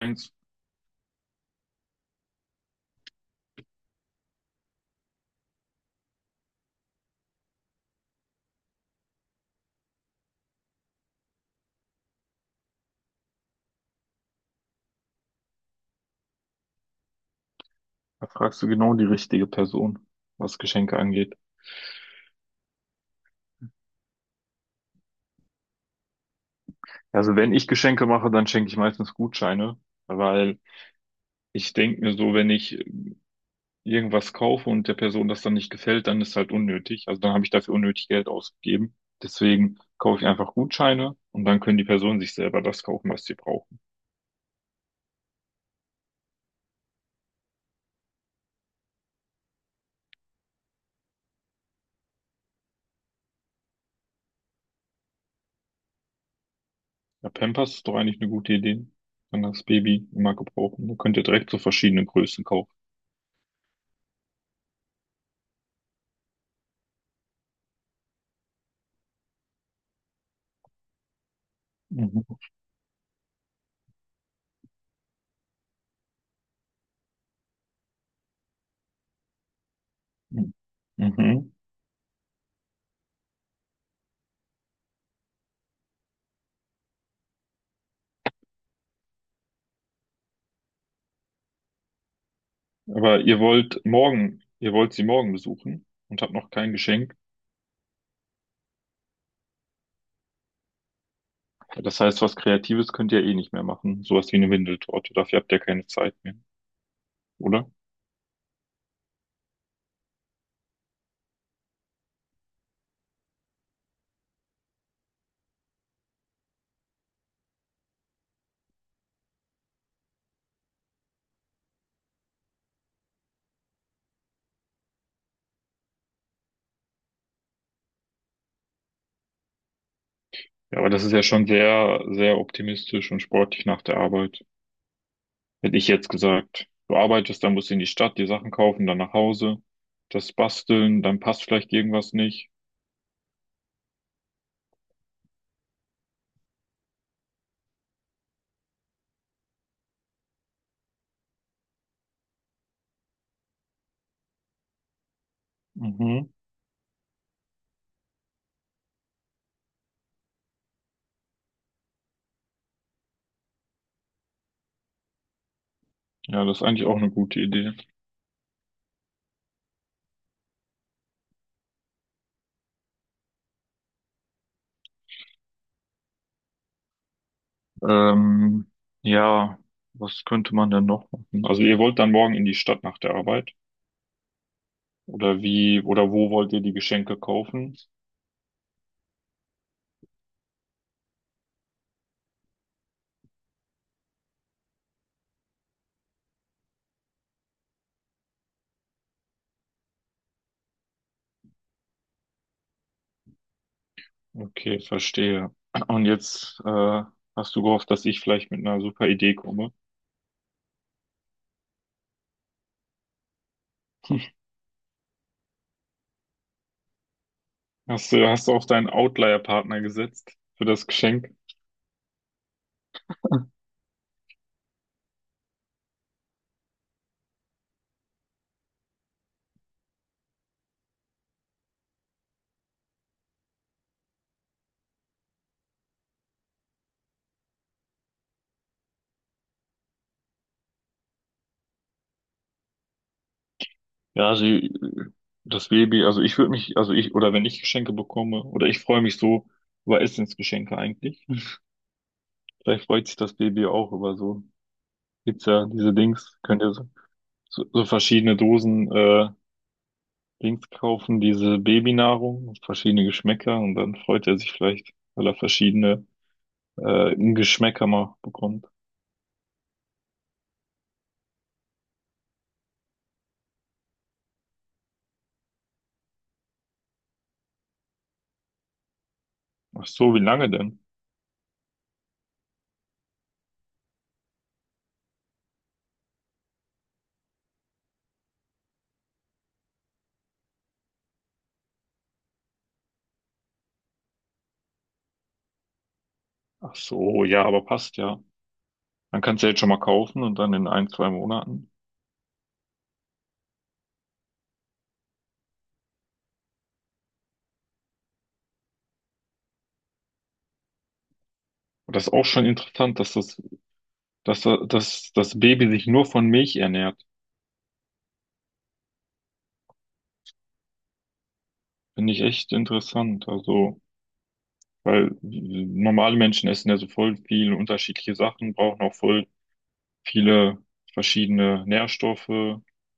Thanks. Da fragst du genau die richtige Person, was Geschenke angeht. Also wenn ich Geschenke mache, dann schenke ich meistens Gutscheine, weil ich denke mir so, wenn ich irgendwas kaufe und der Person das dann nicht gefällt, dann ist halt unnötig. Also dann habe ich dafür unnötig Geld ausgegeben. Deswegen kaufe ich einfach Gutscheine und dann können die Personen sich selber das kaufen, was sie brauchen. Ja, Pampers ist doch eigentlich eine gute Idee. Kann das Baby immer gebrauchen. Da könnt ihr direkt so verschiedene Größen kaufen. Mhm. Mhm. Mhm. Ihr wollt sie morgen besuchen und habt noch kein Geschenk. Das heißt, was Kreatives könnt ihr eh nicht mehr machen. Sowas wie eine Windeltorte. Dafür habt ihr keine Zeit mehr, oder? Ja, aber das ist ja schon sehr, sehr optimistisch und sportlich nach der Arbeit. Hätte ich jetzt gesagt, du arbeitest, dann musst du in die Stadt, die Sachen kaufen, dann nach Hause, das basteln, dann passt vielleicht irgendwas nicht. Mhm. Ja, das ist eigentlich auch eine gute Idee. Ähm, ja, was könnte man denn noch machen? Also ihr wollt dann morgen in die Stadt nach der Arbeit. Oder wie, oder wo wollt ihr die Geschenke kaufen? Okay, verstehe. Und jetzt hast du gehofft, dass ich vielleicht mit einer super Idee komme. Hast du auf deinen Outlier-Partner gesetzt für das Geschenk? Ja, sie, das Baby, also ich würde mich, also ich, oder wenn ich Geschenke bekomme, oder ich freue mich so über Essensgeschenke eigentlich. Vielleicht freut sich das Baby auch über so, gibt's ja diese Dings, könnt ihr so verschiedene Dosen, Dings kaufen, diese Babynahrung, verschiedene Geschmäcker und dann freut er sich vielleicht, weil er verschiedene Geschmäcker mal bekommt. Ach so, wie lange denn? Ach so, ja, aber passt ja. Dann kannst du ja jetzt schon mal kaufen und dann in ein, zwei Monaten. Und das ist auch schon interessant, dass dass das Baby sich nur von Milch ernährt. Finde ich echt interessant. Also, weil normale Menschen essen ja so voll viele unterschiedliche Sachen, brauchen auch voll viele verschiedene Nährstoffe,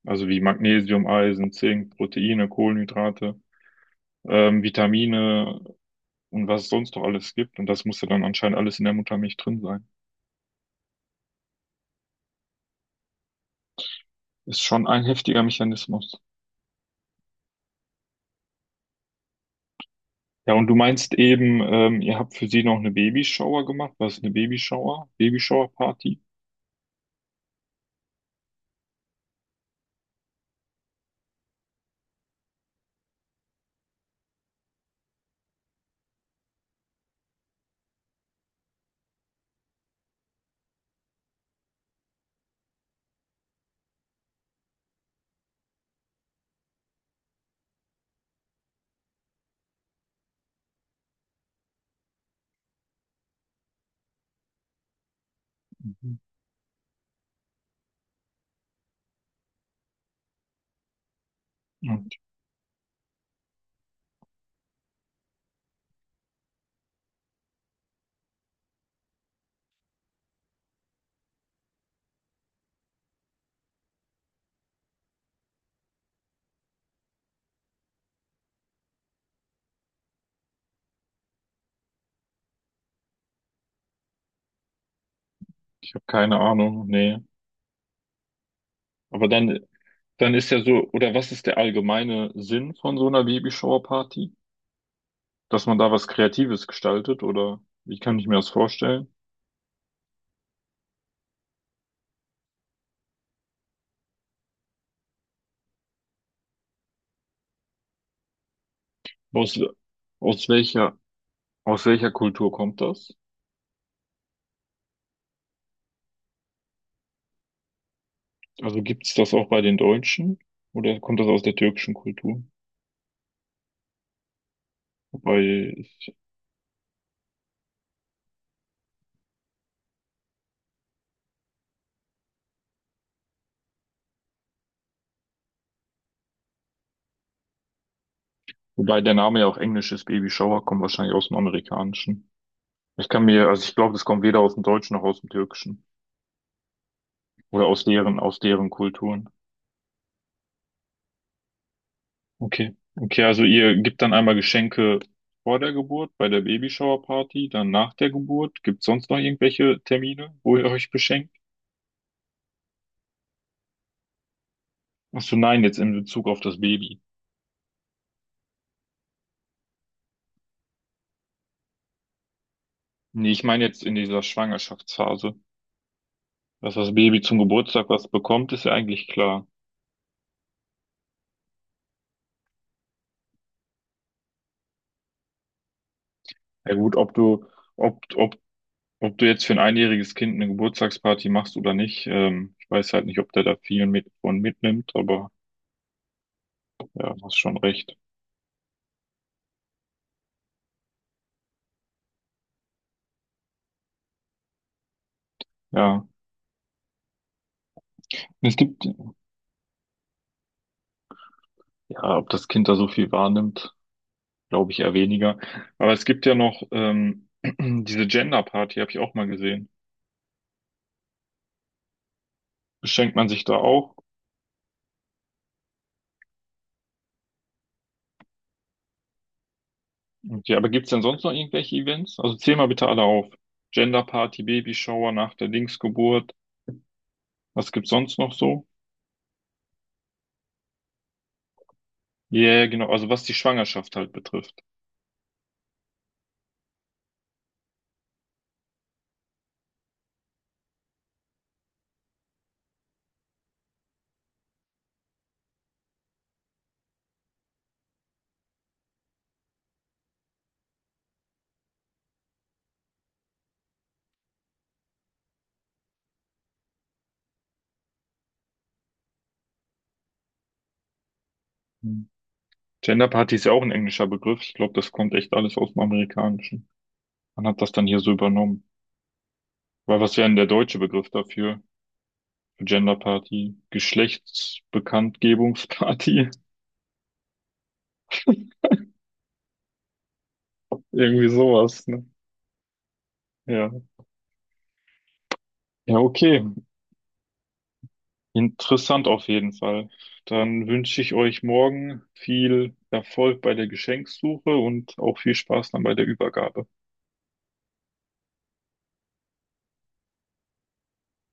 also wie Magnesium, Eisen, Zink, Proteine, Kohlenhydrate, Vitamine und was es sonst noch alles gibt. Und das muss ja dann anscheinend alles in der Muttermilch drin sein. Ist schon ein heftiger Mechanismus. Ja, und du meinst eben, ihr habt für sie noch eine Babyshower gemacht. Was ist eine Babyshower? Babyshower-Party? Mhm. Und ich habe keine Ahnung, nee. Aber dann ist ja so, oder was ist der allgemeine Sinn von so einer Babyshower-Party? Dass man da was Kreatives gestaltet oder wie kann ich mir das vorstellen? Aus, aus welcher, aus welcher Kultur kommt das? Also gibt es das auch bei den Deutschen oder kommt das aus der türkischen Kultur? Wobei, ich- wobei der Name ja auch englisch ist, Baby Shower, kommt wahrscheinlich aus dem Amerikanischen. Ich kann mir, also ich glaube, das kommt weder aus dem Deutschen noch aus dem Türkischen oder aus deren Kulturen. Okay. Okay, also ihr gebt dann einmal Geschenke vor der Geburt, bei der Babyshower-Party, dann nach der Geburt. Gibt es sonst noch irgendwelche Termine, wo ihr euch beschenkt? Ach so, nein, jetzt in Bezug auf das Baby. Nee, ich meine jetzt in dieser Schwangerschaftsphase. Dass das Baby zum Geburtstag was bekommt, ist ja eigentlich klar. Ja gut, ob du, ob, ob, ob du jetzt für ein einjähriges Kind eine Geburtstagsparty machst oder nicht, ich weiß halt nicht, ob der da viel mit von mitnimmt, aber ja, du hast schon recht. Ja. Es gibt, ja, ob das Kind da so viel wahrnimmt. Glaube ich eher weniger. Aber es gibt ja noch diese Gender Party, habe ich auch mal gesehen. Beschenkt man sich da auch? Okay, aber gibt es denn sonst noch irgendwelche Events? Also zähl mal bitte alle auf. Gender Party, Babyshower nach der Linksgeburt. Was gibt's sonst noch so? Ja, yeah, genau. Also was die Schwangerschaft halt betrifft. Hm. Gender Party ist ja auch ein englischer Begriff. Ich glaube, das kommt echt alles aus dem Amerikanischen. Man hat das dann hier so übernommen. Weil was wäre denn der deutsche Begriff dafür? Für Gender Party? Geschlechtsbekanntgebungsparty? Irgendwie sowas, ne? Ja. Ja, okay. Interessant auf jeden Fall. Dann wünsche ich euch morgen viel Erfolg bei der Geschenksuche und auch viel Spaß dann bei der Übergabe.